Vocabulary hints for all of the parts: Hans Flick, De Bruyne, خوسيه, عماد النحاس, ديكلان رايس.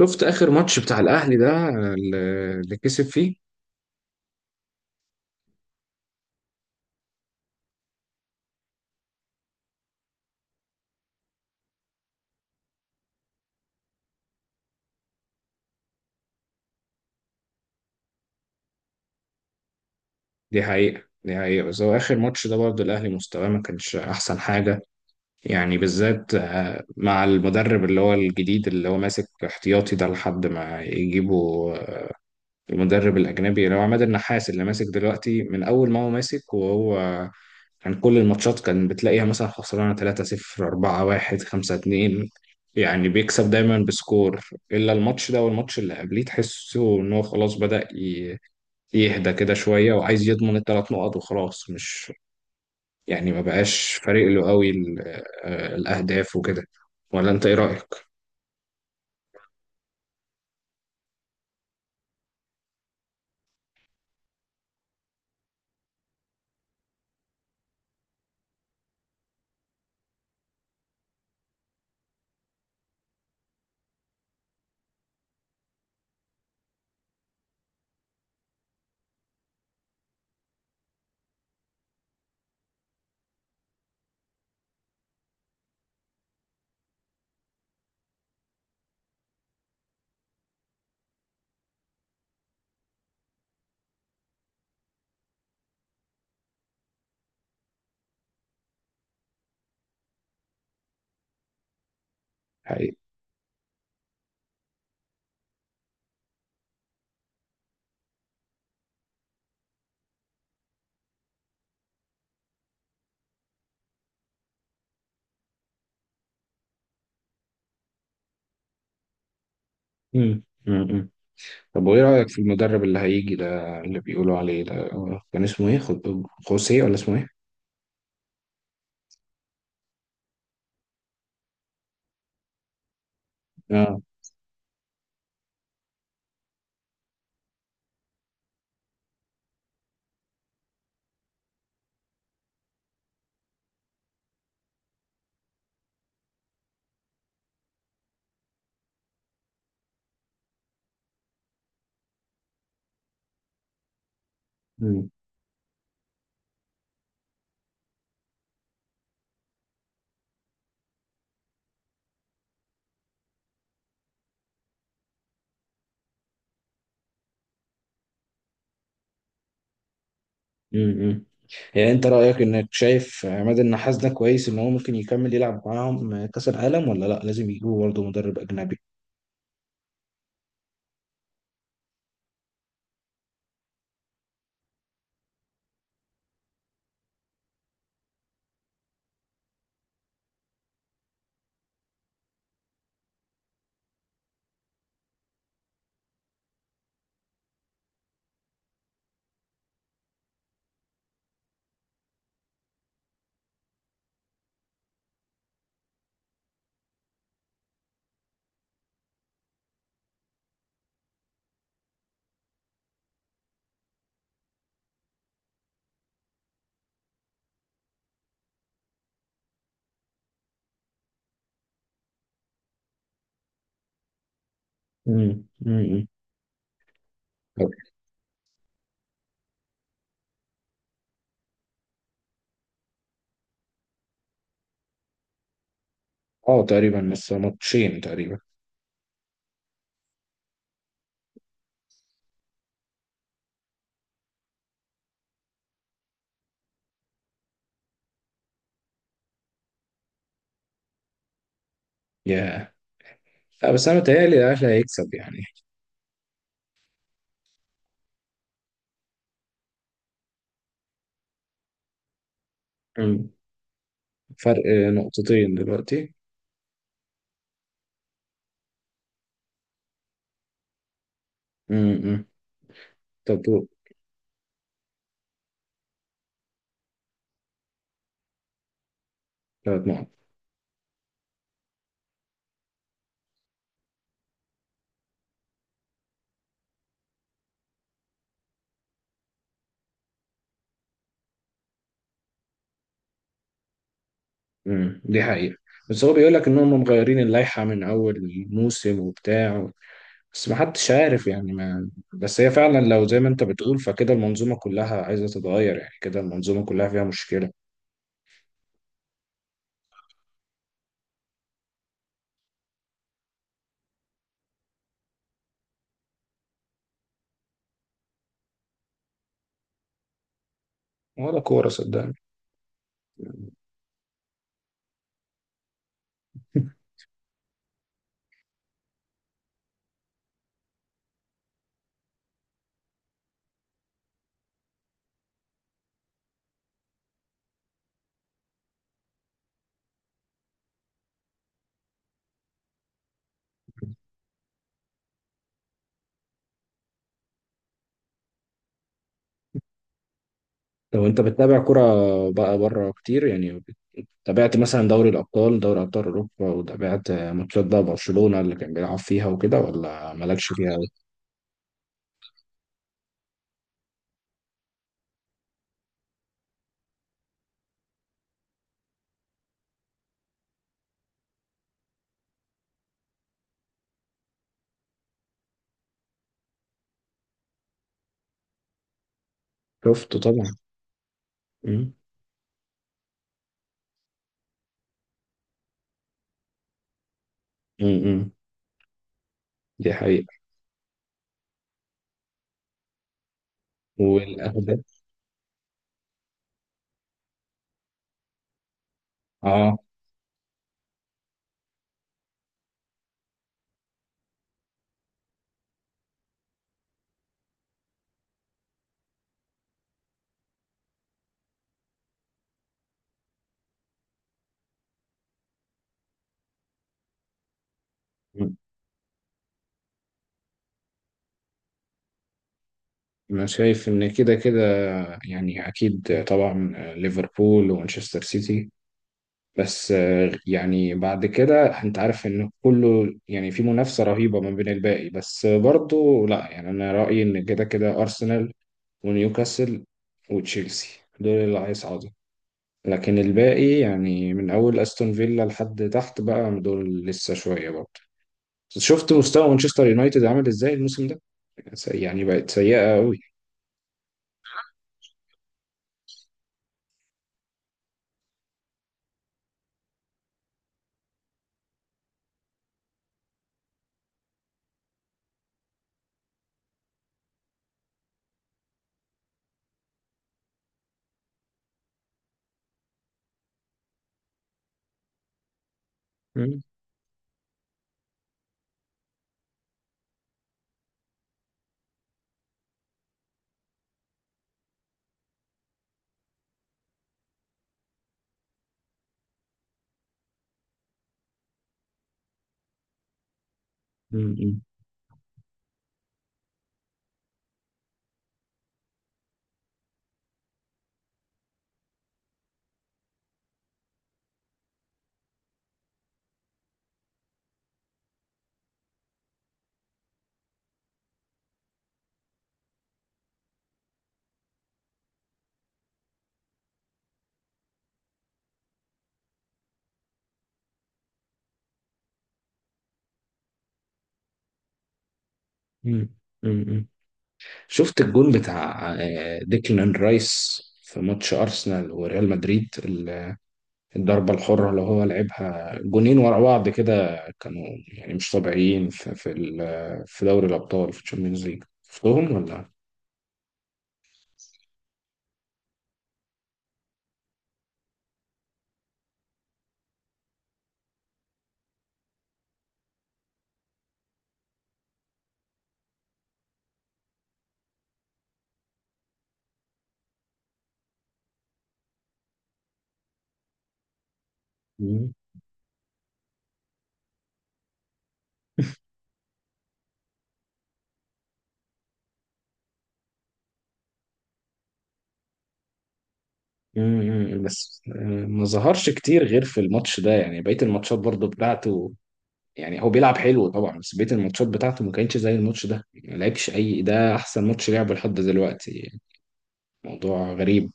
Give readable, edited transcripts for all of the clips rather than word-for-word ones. شفت اخر ماتش بتاع الاهلي ده اللي كسب فيه. دي حقيقة. بس هو اخر ماتش ده برضه الاهلي مستواه ما كانش احسن حاجة، يعني بالذات مع المدرب اللي هو الجديد اللي هو ماسك احتياطي ده لحد ما يجيبوا المدرب الاجنبي اللي هو عماد النحاس اللي ماسك دلوقتي. من اول ما هو ماسك وهو كان كل الماتشات كان بتلاقيها مثلا خسرانة 3-0 4-1 5-2، يعني بيكسب دايما بسكور، إلا الماتش ده والماتش اللي قبليه تحسه إن هو خلاص بدأ يهدى كده شوية وعايز يضمن 3 نقط، وخلاص مش، يعني ما بقاش فارق له قوي الأهداف وكده. ولا أنت إيه رأيك؟ حقيقي. مم. مم. مم. طب وإيه رأيك في المدرب اللي هيجي ده اللي بيقولوا عليه ده؟ كان اسمه إيه؟ خوسيه ولا اسمه إيه؟ آه. امم. يعني انت رأيك انك شايف عماد النحاس ده كويس ان هو ممكن يكمل يلعب معاهم كأس العالم، ولا لا لازم يجيبوا برضه مدرب اجنبي؟ امم، امم. اه تقريبا لسه ماتشين تقريبا. يا لا، بس انا متهيألي الاهلي هيكسب يعني. امم. فرق نقطتين دلوقتي. امم. طب دول 3 نقط. امم. دي حقيقة. بس هو بيقول لك ان هم مغيرين اللائحة من اول الموسم وبتاع، بس محدش عارف يعني. ما بس هي فعلا لو زي ما انت بتقول فكده المنظومة كلها عايزة تتغير، يعني كده المنظومة كلها فيها مشكلة. ولا كورة صدقني. لو انت بتتابع كرة بقى بره كتير يعني، تابعت مثلا دوري الأبطال دوري أبطال أوروبا وتابعت ماتشات بقى برشلونة اللي كان بيلعب فيها وكده، ولا مالكش فيها أوي؟ شفت طبعا. امم، امم. دي حقيقة. والأهداف. اه. م- أنا شايف إن كده كده، يعني أكيد طبعا ليفربول ومانشستر سيتي. بس يعني بعد كده أنت عارف إن كله يعني في منافسة رهيبة ما بين الباقي، بس برضو لا، يعني أنا رأيي إن كده كده أرسنال ونيوكاسل وتشيلسي، دول اللي هيصعدوا. لكن الباقي يعني من أول أستون فيلا لحد تحت بقى دول لسه شوية برضه. شفت مستوى مانشستر يونايتد عامل إزاي الموسم ده؟ يعني بقت سيئة أوي. مم. مم. مم. مم. شفت الجون بتاع ديكلان رايس في ماتش أرسنال وريال مدريد؟ الضربة الحرة اللي هو لعبها جونين ورا بعض كده، كانوا يعني مش طبيعيين في في دوري الأبطال في الشامبيونز ليج، شفتهم ولا؟ مم. مم. بس ما ظهرش كتير غير في الماتش ده يعني، بقية الماتشات برضو بتاعته يعني هو بيلعب حلو طبعا، بس بقية الماتشات بتاعته ما كانتش زي الماتش ده، ما لعبش أي ده أحسن ماتش لعبه لحد دلوقتي. موضوع غريب.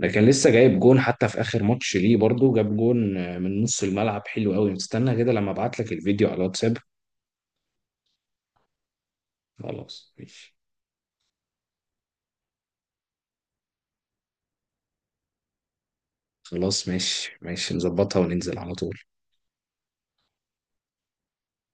ده كان لسه جايب جون حتى في اخر ماتش ليه، برضو جاب جون من نص الملعب حلو قوي. استنى كده لما ابعت لك الفيديو على الواتساب. خلاص ماشي. خلاص ماشي ماشي، نظبطها وننزل على طول.